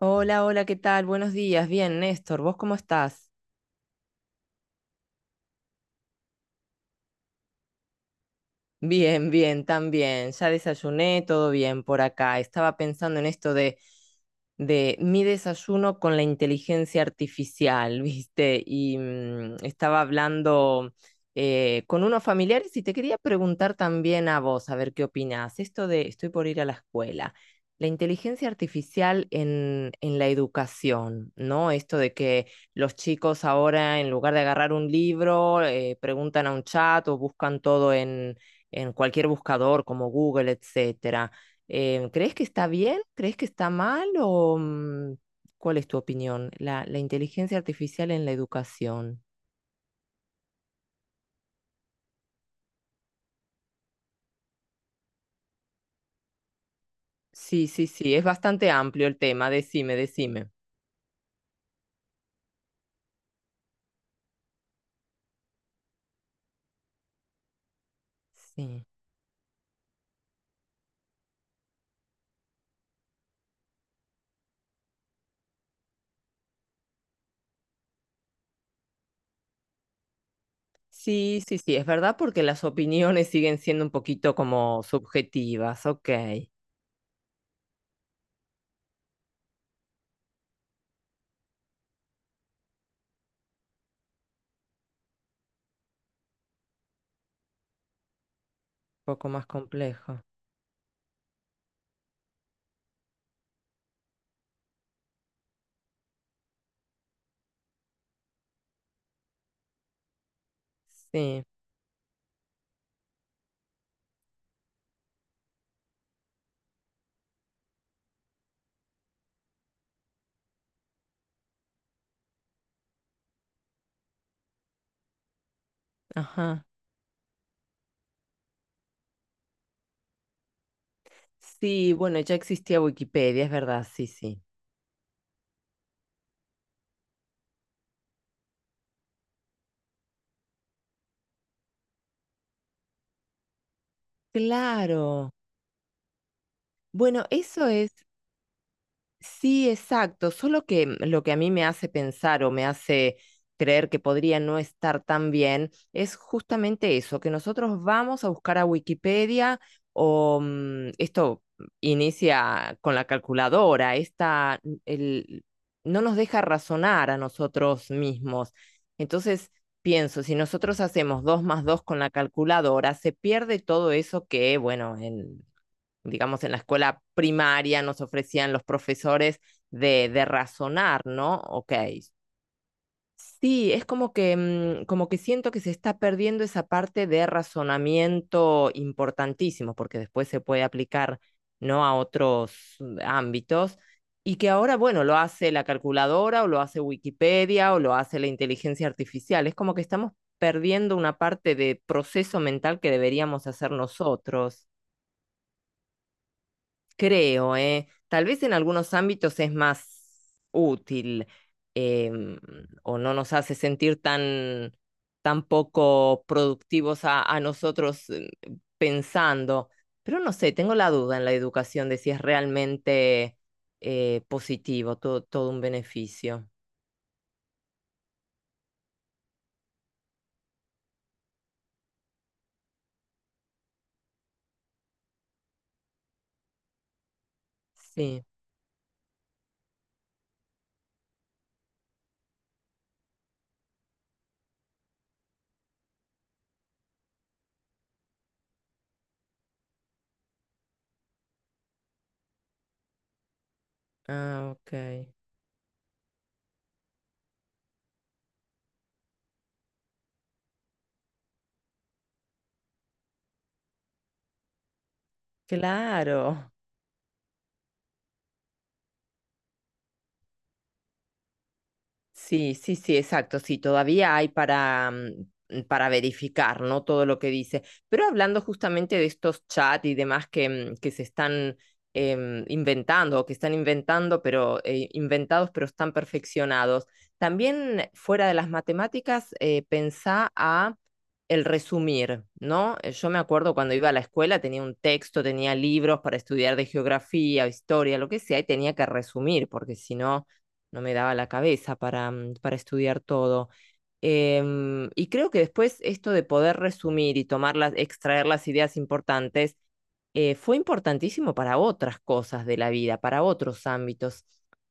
Hola, hola, ¿qué tal? Buenos días. Bien, Néstor, ¿vos cómo estás? Bien, bien, también. Ya desayuné, todo bien por acá. Estaba pensando en esto de mi desayuno con la inteligencia artificial, ¿viste? Y estaba hablando con unos familiares y te quería preguntar también a vos, a ver qué opinás. Esto de estoy por ir a la escuela. La inteligencia artificial en la educación, ¿no? Esto de que los chicos ahora, en lugar de agarrar un libro, preguntan a un chat o buscan todo en cualquier buscador como Google, etcétera. ¿Crees que está bien? ¿Crees que está mal? ¿O cuál es tu opinión? La inteligencia artificial en la educación. Sí, sí, sí, es bastante amplio el tema. Decime, decime. Sí. Sí, sí, sí, es verdad porque las opiniones siguen siendo un poquito como subjetivas, ok, un poco más complejo. Sí, ajá. Sí, bueno, ya existía Wikipedia, es verdad, sí, sí. Claro. Bueno, eso es. Sí, exacto. Solo que lo que a mí me hace pensar o me hace creer que podría no estar tan bien es justamente eso, que nosotros vamos a buscar a Wikipedia o esto inicia con la calculadora, esta, no nos deja razonar a nosotros mismos. Entonces, pienso, si nosotros hacemos dos más dos con la calculadora, se pierde todo eso que, bueno, en digamos, en la escuela primaria nos ofrecían los profesores de razonar, ¿no? Ok. Sí, es como que siento que se está perdiendo esa parte de razonamiento importantísimo, porque después se puede aplicar, ¿no? A otros ámbitos y que ahora, bueno, lo hace la calculadora o lo hace Wikipedia o lo hace la inteligencia artificial. Es como que estamos perdiendo una parte de proceso mental que deberíamos hacer nosotros. Creo, ¿eh? Tal vez en algunos ámbitos es más útil em, o no nos hace sentir tan, tan poco productivos a nosotros pensando, pero no sé, tengo la duda en la educación de si es realmente positivo, todo un beneficio. Sí, ah, ok. Claro. Sí, sí, sí, exacto. Sí, todavía hay para verificar, ¿no? Todo lo que dice. Pero hablando justamente de estos chats y demás que se están inventando, o que están inventando, pero inventados, pero están perfeccionados. También fuera de las matemáticas, pensá a el resumir, ¿no? Yo me acuerdo cuando iba a la escuela, tenía un texto, tenía libros para estudiar de geografía, historia, lo que sea, y tenía que resumir, porque si no, no me daba la cabeza para estudiar todo. Y creo que después esto de poder resumir y tomar las, extraer las ideas importantes fue importantísimo para otras cosas de la vida, para otros ámbitos.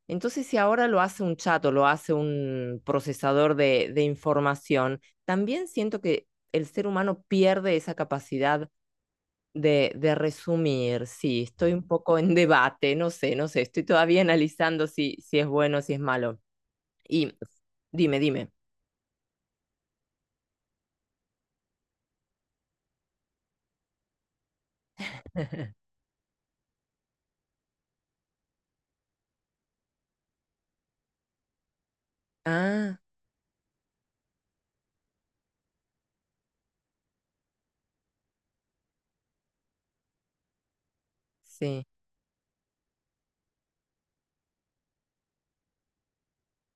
Entonces, si ahora lo hace un chat o lo hace un procesador de información, también siento que el ser humano pierde esa capacidad de resumir. Sí, estoy un poco en debate, no sé, no sé, estoy todavía analizando si es bueno si es malo. Y dime, dime. Ah, sí,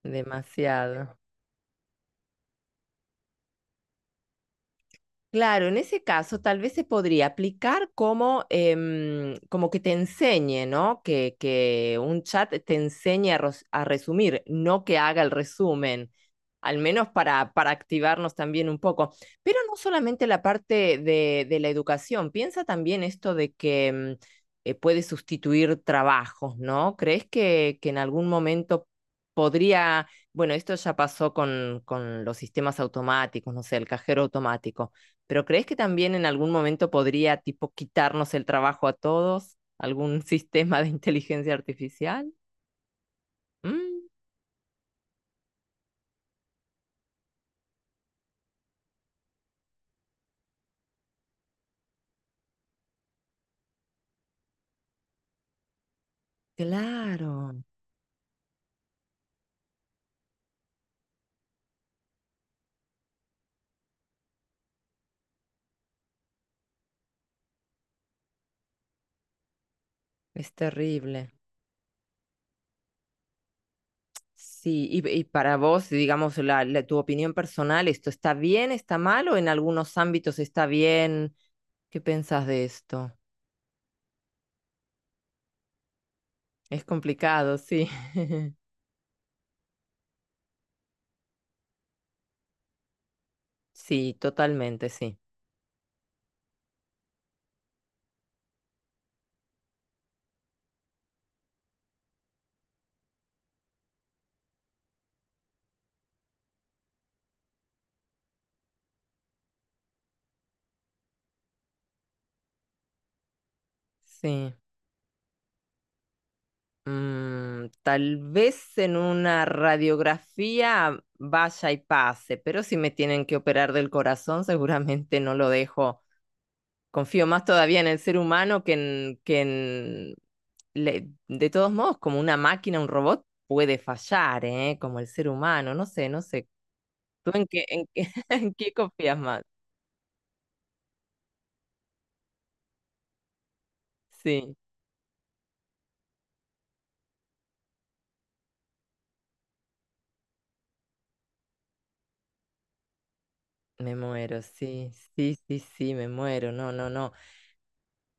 demasiado. Claro, en ese caso tal vez se podría aplicar como que te enseñe, ¿no? Que un chat te enseñe a resumir, no que haga el resumen, al menos para activarnos también un poco. Pero no solamente la parte de la educación, piensa también esto de que puede sustituir trabajos, ¿no? ¿Crees que en algún momento podría, bueno, esto ya pasó con los sistemas automáticos, no sé, el cajero automático? Pero ¿crees que también en algún momento podría, tipo, quitarnos el trabajo a todos? ¿Algún sistema de inteligencia artificial? Mm, claro, es terrible. Sí, y para vos, digamos, tu opinión personal, ¿esto está bien, está mal o en algunos ámbitos está bien? ¿Qué pensás de esto? Es complicado, sí. Sí, totalmente, sí. Sí. Tal vez en una radiografía vaya y pase, pero si me tienen que operar del corazón, seguramente no lo dejo. Confío más todavía en el ser humano que en. De todos modos, como una máquina, un robot puede fallar, ¿eh? Como el ser humano, no sé, no sé. ¿Tú en qué confías más? Sí, me muero, sí, sí, sí, sí, me muero, no, no, no.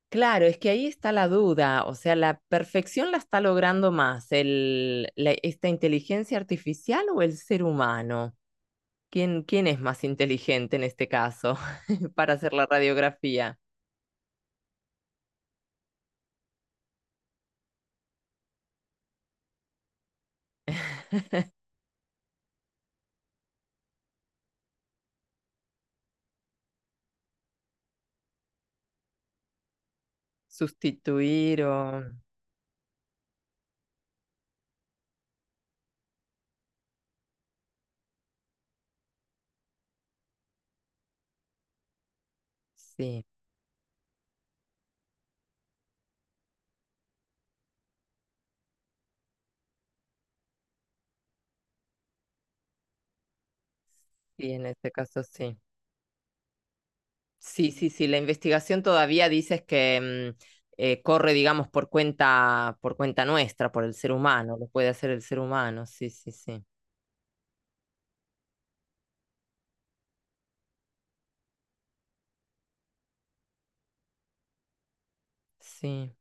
Claro, es que ahí está la duda, o sea, la perfección la está logrando más esta inteligencia artificial o el ser humano. ¿Quién es más inteligente en este caso para hacer la radiografía? Sustituir o... Sí, sí, en este caso sí. Sí, sí, sí, la investigación todavía dices que corre, digamos, por cuenta nuestra, por el ser humano, lo puede hacer el ser humano, sí, sí, sí. Sí.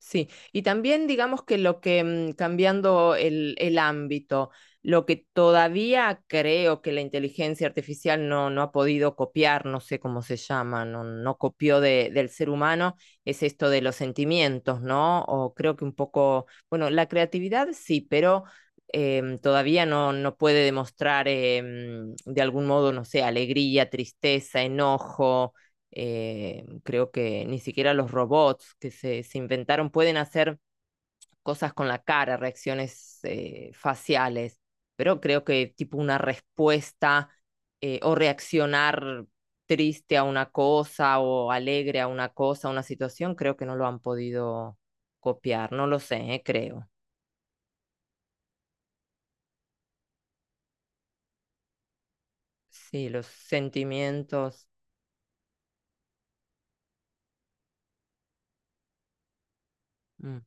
Sí, y también digamos que lo que, cambiando el ámbito, lo que todavía creo que la inteligencia artificial no ha podido copiar, no sé cómo se llama, no copió del ser humano, es esto de los sentimientos, ¿no? O creo que un poco, bueno, la creatividad sí, pero todavía no puede demostrar de algún modo, no sé, alegría, tristeza, enojo, creo que ni siquiera los robots que se inventaron pueden hacer cosas con la cara, reacciones faciales, pero creo que tipo una respuesta, o reaccionar triste a una cosa o alegre a una cosa, a una situación, creo que no lo han podido copiar, no lo sé, creo. Sí, los sentimientos, mm,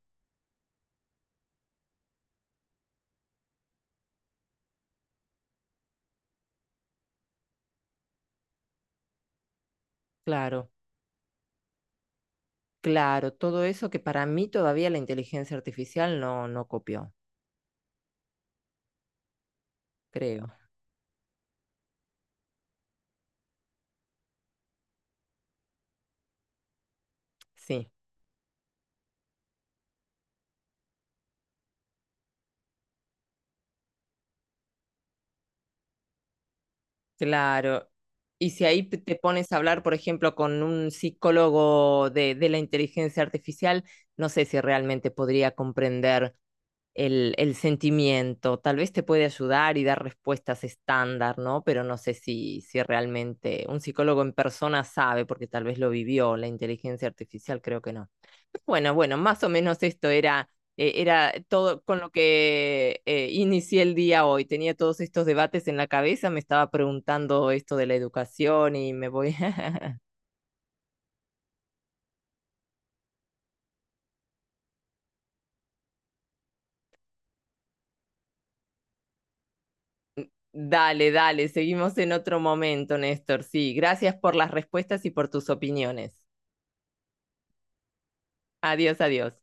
claro, claro, todo eso que para mí todavía la inteligencia artificial no copió, creo. Sí, claro. Y si ahí te pones a hablar, por ejemplo, con un psicólogo de la inteligencia artificial, no sé si realmente podría comprender el sentimiento. Tal vez te puede ayudar y dar respuestas estándar, ¿no? Pero no sé si realmente un psicólogo en persona sabe, porque tal vez lo vivió, la inteligencia artificial creo que no. Pero bueno, más o menos esto era, era todo con lo que inicié el día hoy. Tenía todos estos debates en la cabeza, me estaba preguntando esto de la educación y me voy. Dale, dale, seguimos en otro momento, Néstor. Sí, gracias por las respuestas y por tus opiniones. Adiós, adiós.